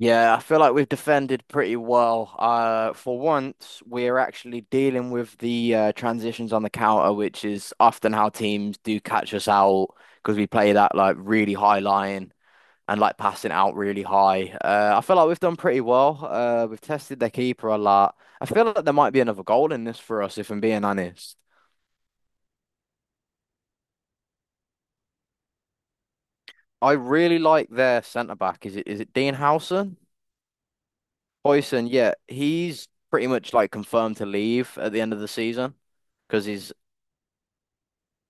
Yeah, I feel like we've defended pretty well. For once, we're actually dealing with the transitions on the counter, which is often how teams do catch us out because we play that like really high line and like passing out really high. I feel like we've done pretty well. We've tested their keeper a lot. I feel like there might be another goal in this for us, if I'm being honest. I really like their centre back. Is it Dean Howson? Boyson, yeah, he's pretty much like confirmed to leave at the end of the season because he's,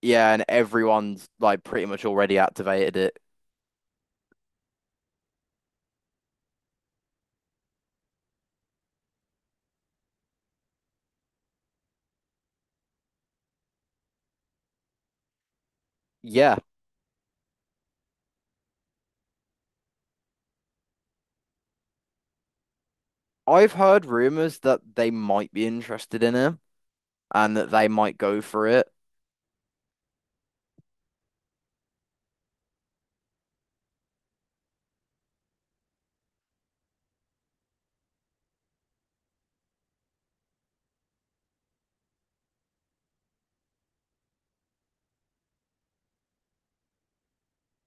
yeah, and everyone's like pretty much already activated it. Yeah, I've heard rumors that they might be interested in him and that they might go for it.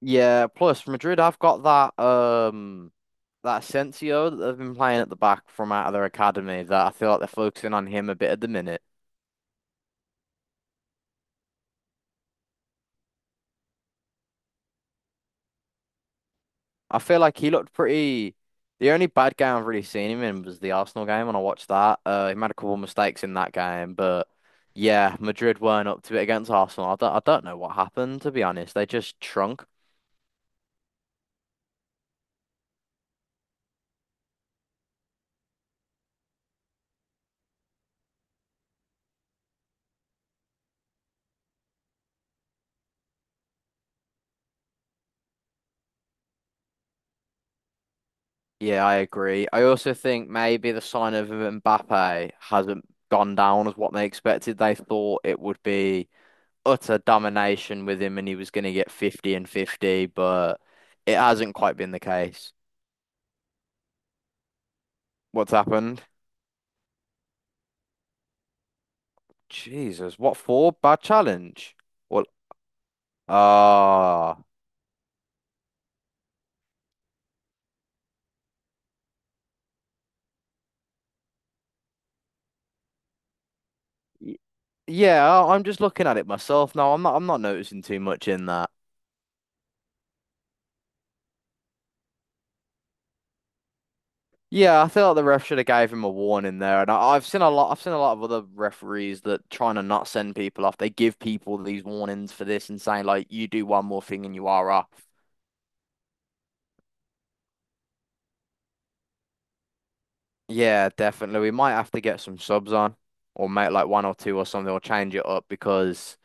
Yeah, plus Madrid have got that Asensio that they've been playing at the back from out of their academy that I feel like they're focusing on him a bit at the minute. I feel like he looked pretty. The only bad game I've really seen him in was the Arsenal game when I watched that. He made a couple of mistakes in that game, but yeah, Madrid weren't up to it against Arsenal. I don't know what happened, to be honest. They just shrunk. Yeah, I agree. I also think maybe the sign of Mbappe hasn't gone down as what they expected. They thought it would be utter domination with him and he was going to get 50 and 50, but it hasn't quite been the case. What's happened? Jesus, what for? Bad challenge? Well, ah, y- yeah. I- I'm just looking at it myself now. I'm not. I'm not noticing too much in that. Yeah, I feel like the ref should have gave him a warning there. And I've seen a lot. I've seen a lot of other referees that trying to not send people off. They give people these warnings for this and saying like, you do one more thing and you are off. Yeah, definitely. We might have to get some subs on, or make like one or two or something, or change it up because.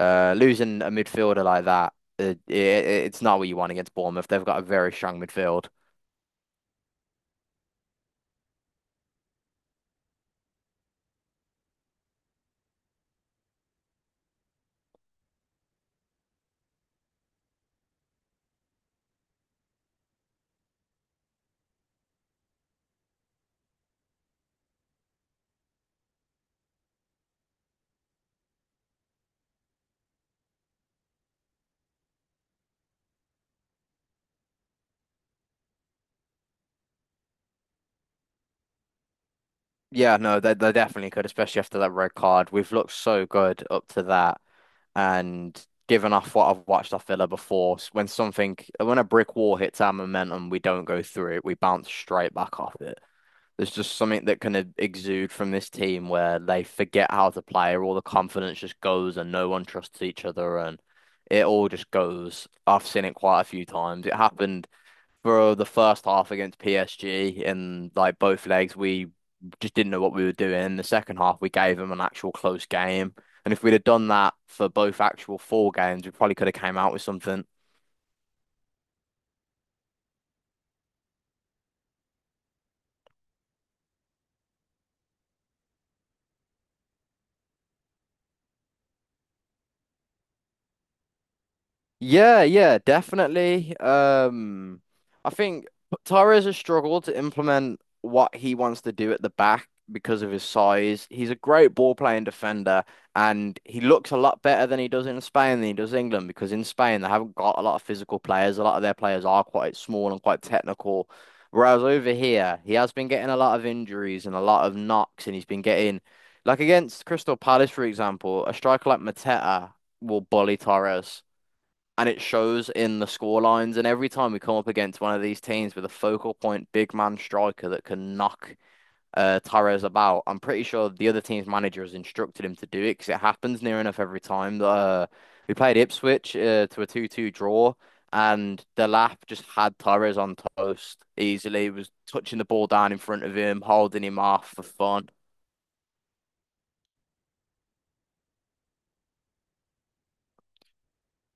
Losing a midfielder like that, it's not what you want against Bournemouth. They've got a very strong midfield. Yeah, no, they definitely could, especially after that red card. We've looked so good up to that, and given off what I've watched off Villa before, when a brick wall hits our momentum, we don't go through it. We bounce straight back off it. There's just something that kind of exude from this team where they forget how to play, or all the confidence just goes, and no one trusts each other, and it all just goes. I've seen it quite a few times. It happened for the first half against PSG, and like both legs, we just didn't know what we were doing. In the second half, we gave them an actual close game, and if we'd have done that for both actual four games, we probably could have came out with something. Yeah, yeah, definitely. I think Torres has struggled to implement what he wants to do at the back because of his size. He's a great ball playing defender, and he looks a lot better than he does in Spain than he does England because in Spain they haven't got a lot of physical players. A lot of their players are quite small and quite technical. Whereas over here, he has been getting a lot of injuries and a lot of knocks, and he's been getting, like against Crystal Palace, for example, a striker like Mateta will bully Torres and it shows in the score lines. And every time we come up against one of these teams with a focal point big man striker that can knock Torres about, I'm pretty sure the other team's manager has instructed him to do it because it happens near enough every time. We played Ipswich to a 2-2 draw. And the lap just had Torres on toast easily. He was touching the ball down in front of him, holding him off for fun.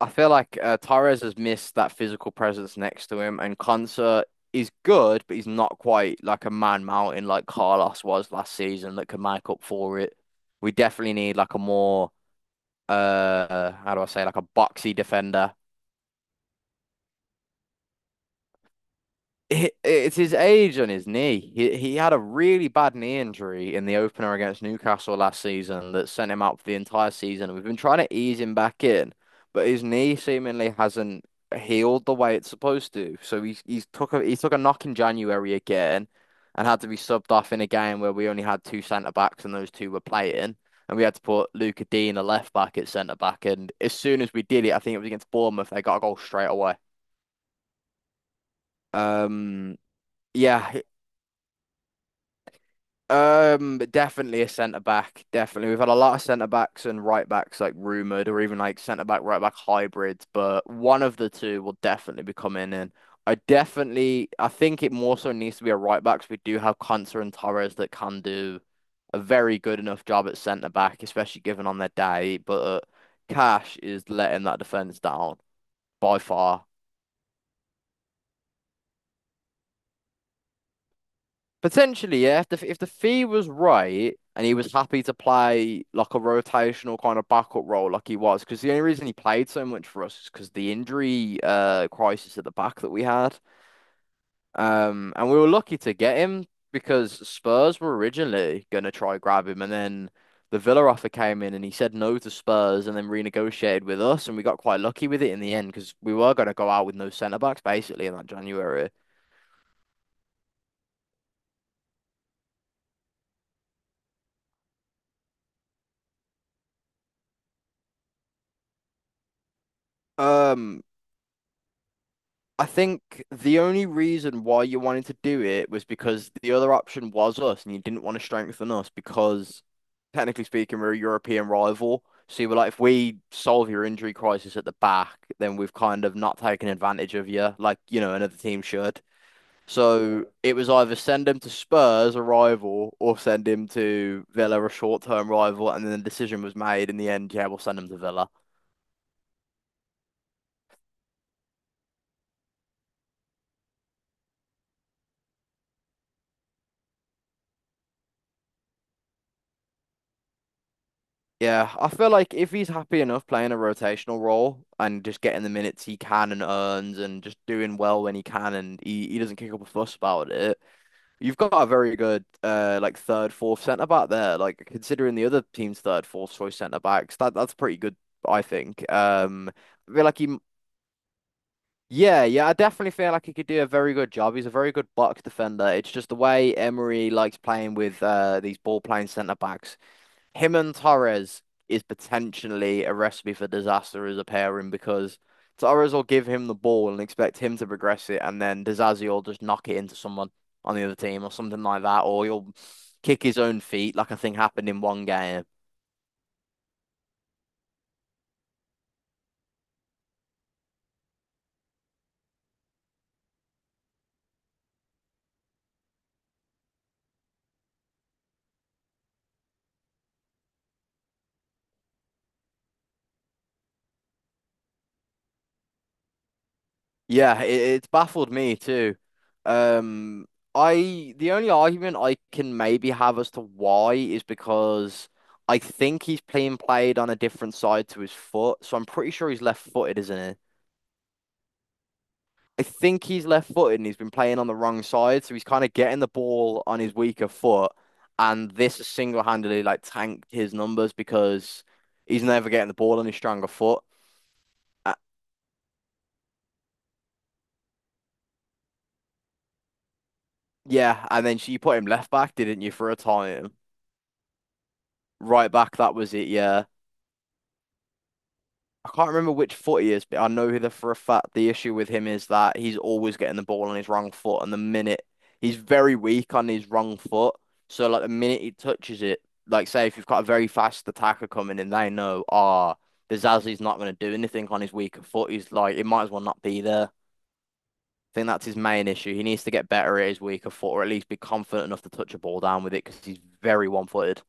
I feel like Torres has missed that physical presence next to him, and Konsa is good, but he's not quite like a man mountain like Carlos was last season that can make up for it. We definitely need like a more, how do I say, like a boxy defender. It's his age on his knee. He had a really bad knee injury in the opener against Newcastle last season that sent him out for the entire season. We've been trying to ease him back in, but his knee seemingly hasn't healed the way it's supposed to. So he took a knock in January again, and had to be subbed off in a game where we only had two centre backs and those two were playing. And we had to put Luca Dean, a left back, at centre back. And as soon as we did it, I think it was against Bournemouth, they got a goal straight away. Um, yeah, definitely a centre back. Definitely, we've had a lot of centre backs and right backs like rumored, or even like centre back right back hybrids. But one of the two will definitely be coming in. I think it more so needs to be a right back 'cause we do have Konsa and Torres that can do a very good enough job at centre back, especially given on their day. But Cash is letting that defence down by far. Potentially, yeah. If the fee was right and he was happy to play like a rotational kind of backup role, like he was, because the only reason he played so much for us is because the injury crisis at the back that we had. And we were lucky to get him because Spurs were originally gonna try grab him, and then the Villa offer came in and he said no to Spurs and then renegotiated with us, and we got quite lucky with it in the end because we were gonna go out with no centre backs basically in that January. Um, I think the only reason why you wanted to do it was because the other option was us, and you didn't want to strengthen us because, technically speaking, we're a European rival. So you were like, if we solve your injury crisis at the back, then we've kind of not taken advantage of you, like, you know, another team should. So it was either send him to Spurs, a rival, or send him to Villa, a short-term rival, and then the decision was made in the end, yeah, we'll send him to Villa. Yeah, I feel like if he's happy enough playing a rotational role and just getting the minutes he can and earns and just doing well when he can and he doesn't kick up a fuss about it, you've got a very good like third, fourth centre back there. Like considering the other team's third, fourth choice centre backs, that's pretty good, I think. I feel like he, Yeah, yeah, I definitely feel like he could do a very good job. He's a very good box defender. It's just the way Emery likes playing with these ball playing centre backs, him and Torres, is potentially a recipe for disaster as a pairing because Torres will give him the ball and expect him to progress it, and then Disasi will just knock it into someone on the other team or something like that, or he'll kick his own feet like I think happened in one game. Yeah, it, it's baffled me too. Um, I the only argument I can maybe have as to why is because I think he's being played on a different side to his foot, so I'm pretty sure he's left-footed, isn't he? I think he's left footed and he's been playing on the wrong side, so he's kind of getting the ball on his weaker foot, and this has single handedly like tanked his numbers because he's never getting the ball on his stronger foot. Uh, yeah, and then you put him left back, didn't you, for a time? Right back, that was it. Yeah, I can't remember which foot he is, but I know that for a fact the issue with him is that he's always getting the ball on his wrong foot, and the minute he's very weak on his wrong foot, so like the minute he touches it, like say if you've got a very fast attacker coming in, they know, ah, oh, the Zazi's not going to do anything on his weaker foot. He's like it might as well not be there. I think that's his main issue. He needs to get better at his weaker foot, or at least be confident enough to touch a ball down with it because he's very one-footed.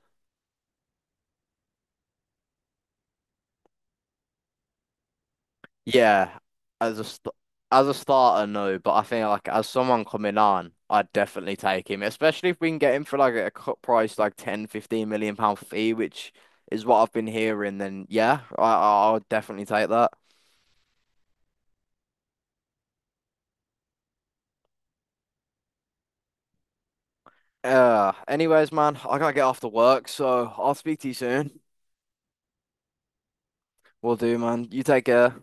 Yeah, as a st as a starter, no, but I think like as someone coming on, I'd definitely take him, especially if we can get him for like a cut price, like 10, £15 million fee, which is what I've been hearing. Then yeah, I'll definitely take that. Man, I gotta get off to work, so I'll speak to you soon. Will do, man. You take care.